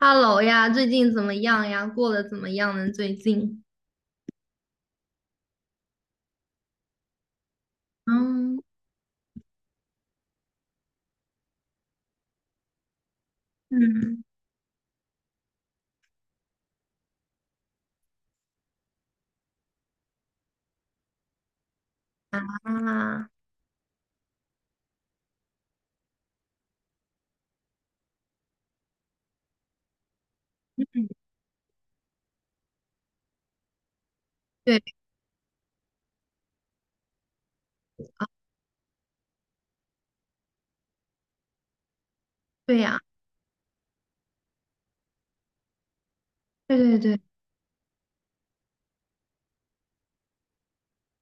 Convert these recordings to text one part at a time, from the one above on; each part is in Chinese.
Hello 呀，最近怎么样呀？过得怎么样呢？最近？嗯嗯。啊，嗯。对啊，对呀，对对对，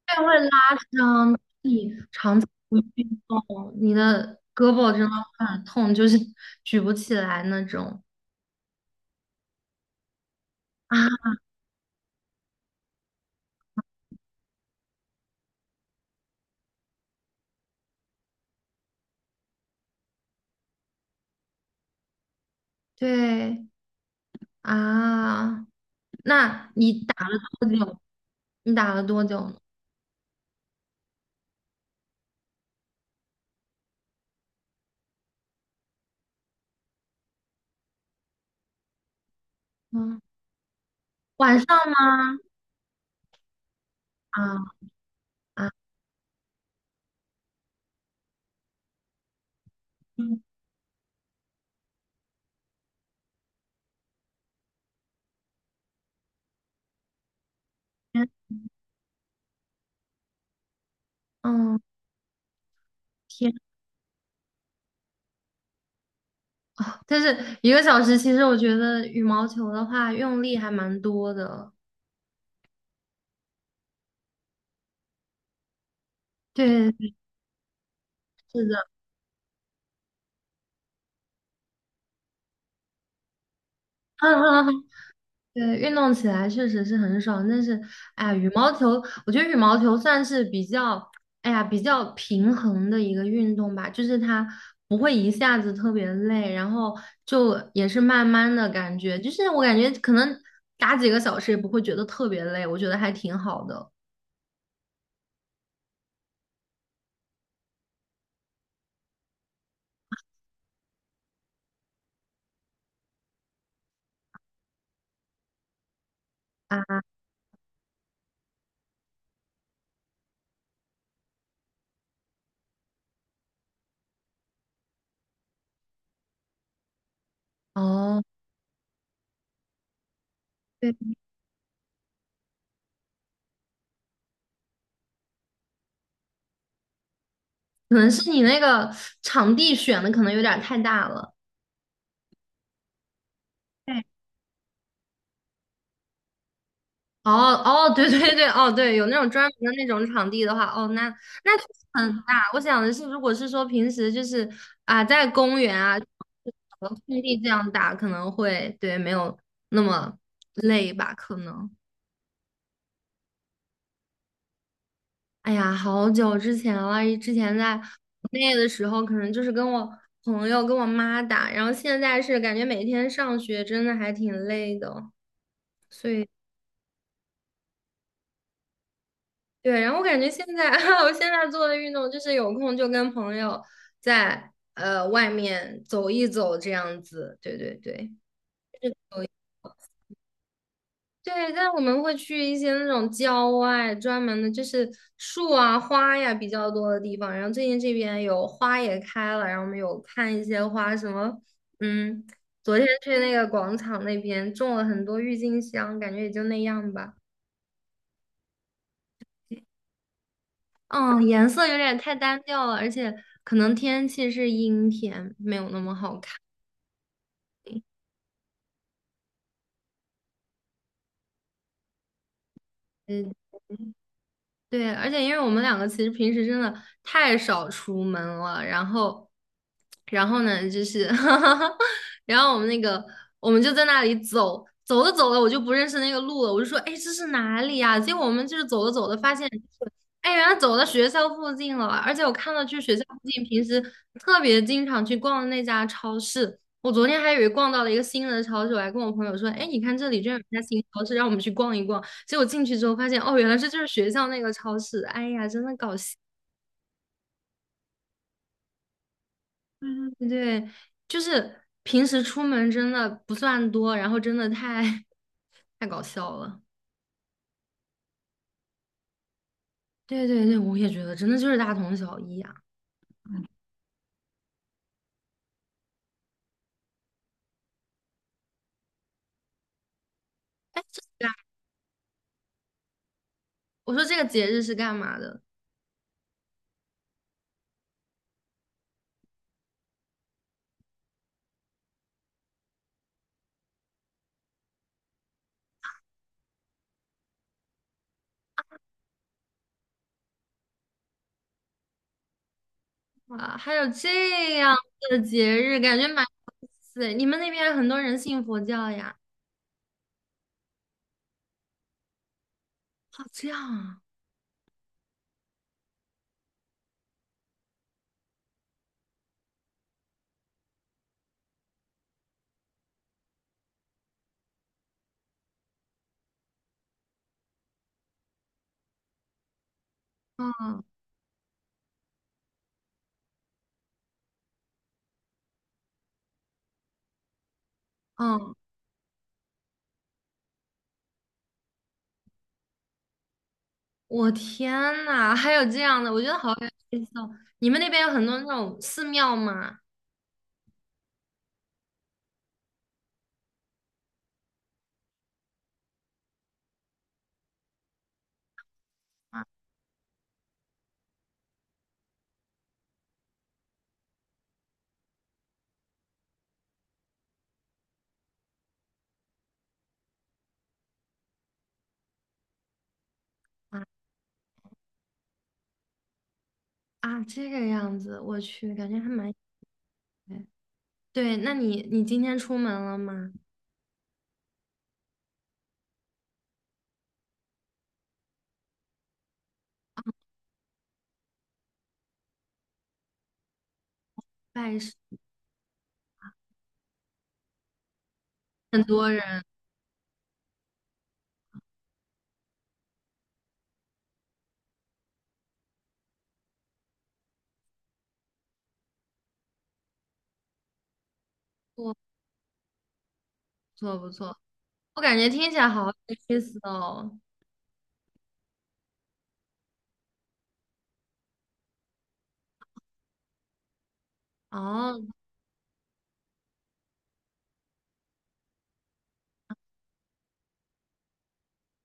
这样会拉伤。你长期不运动，你的胳膊真的会很痛，就是举不起来那种。啊，对啊，那你打了多久？你打了多久呢？嗯，晚上吗？啊。啊，嗯嗯，天啊，但是1个小时，其实我觉得羽毛球的话用力还蛮多的。对，是的，嗯嗯，嗯。对，运动起来确实是很爽，但是，哎呀，羽毛球，我觉得羽毛球算是比较，哎呀，比较平衡的一个运动吧，就是它不会一下子特别累，然后就也是慢慢的感觉，就是我感觉可能打几个小时也不会觉得特别累，我觉得还挺好的。啊，哦，对。可能是你那个场地选的可能有点儿太大了。对，哦哦，对对对，哦对，有那种专门的那种场地的话，哦，那那确实很大。我想的是，如果是说平时就是啊，在公园啊，找个空地这样打，可能会对没有那么累吧，可能。哎呀，好久之前了，之前在国内的时候，可能就是跟我朋友跟我妈打，然后现在是感觉每天上学真的还挺累的，所以。对，然后我感觉现在，我现在做的运动就是有空就跟朋友在外面走一走这样子，对对对，走一对，但我们会去一些那种郊外专门的，就是树啊、花呀比较多的地方。然后最近这边有花也开了，然后我们有看一些花，什么嗯，昨天去那个广场那边种了很多郁金香，感觉也就那样吧。嗯，颜色有点太单调了，而且可能天气是阴天，没有那么好看。对，而且因为我们两个其实平时真的太少出门了，然后，然后呢，就是，然后我们那个，我们就在那里走，走着走着，我就不认识那个路了，我就说，哎，这是哪里呀、结果我们就是走着走着，发现，哎，原来走到学校附近了，而且我看到去学校附近，平时特别经常去逛的那家超市，我昨天还以为逛到了一个新的超市，我还跟我朋友说，哎，你看这里居然有一家新超市，让我们去逛一逛。结果进去之后发现，哦，原来这就是学校那个超市。哎呀，真的搞笑。对，就是平时出门真的不算多，然后真的太搞笑了。对对对，我也觉得真的就是大同小异啊。哎，这个我说这个节日是干嘛的。啊？还有这样的节日，感觉蛮有意思诶。你们那边很多人信佛教呀？好，这样啊，嗯嗯。我天呐，还有这样的，我觉得好有意思哦！你们那边有很多那种寺庙吗？啊。啊啊，这个样子，我去，感觉还蛮……对，那你你今天出门了吗？拜师，很多人，不错不错，我感觉听起来好有意思哦。哦。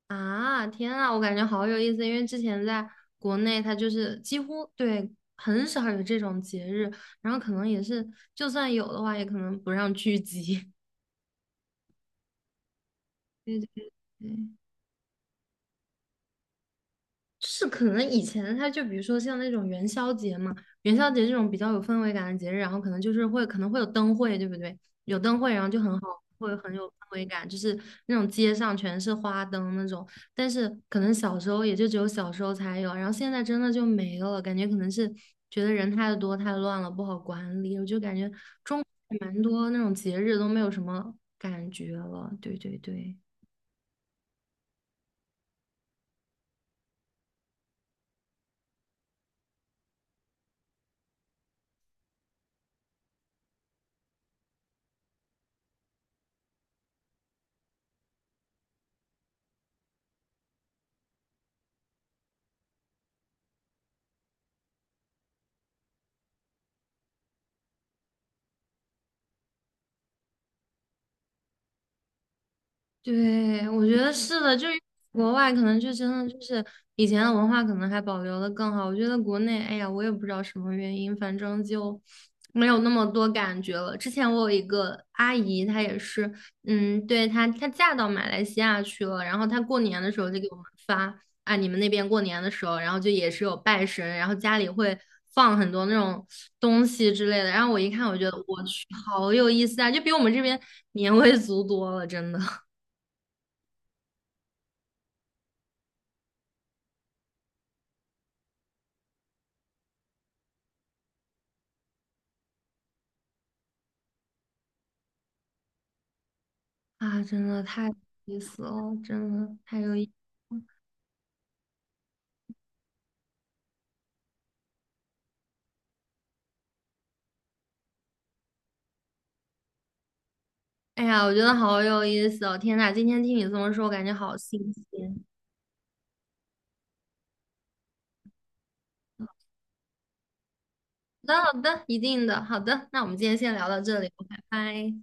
啊，天啊，我感觉好有意思，因为之前在国内，它就是几乎对很少有这种节日，然后可能也是就算有的话，也可能不让聚集。对对对。是可能以前它就比如说像那种元宵节嘛，元宵节这种比较有氛围感的节日，然后可能就是会可能会有灯会，对不对？有灯会，然后就很好，会很有氛围感，就是那种街上全是花灯那种。但是可能小时候也就只有小时候才有，然后现在真的就没了，感觉可能是觉得人太多太乱了，不好管理。我就感觉中国蛮多那种节日都没有什么感觉了，对对对。对，我觉得是的，就是国外可能就真的就是以前的文化可能还保留的更好。我觉得国内，哎呀，我也不知道什么原因，反正就没有那么多感觉了。之前我有一个阿姨，她也是，嗯，对，她她嫁到马来西亚去了，然后她过年的时候就给我们发啊，你们那边过年的时候，然后就也是有拜神，然后家里会放很多那种东西之类的。然后我一看，我觉得我去，好有意思啊，就比我们这边年味足多了，真的。啊，真的太有意思了，真的太有意，哎呀，我觉得好有意思哦！天呐，今天听你这么说，我感觉好新鲜。好的，好的，一定的，好的，那我们今天先聊到这里，拜拜。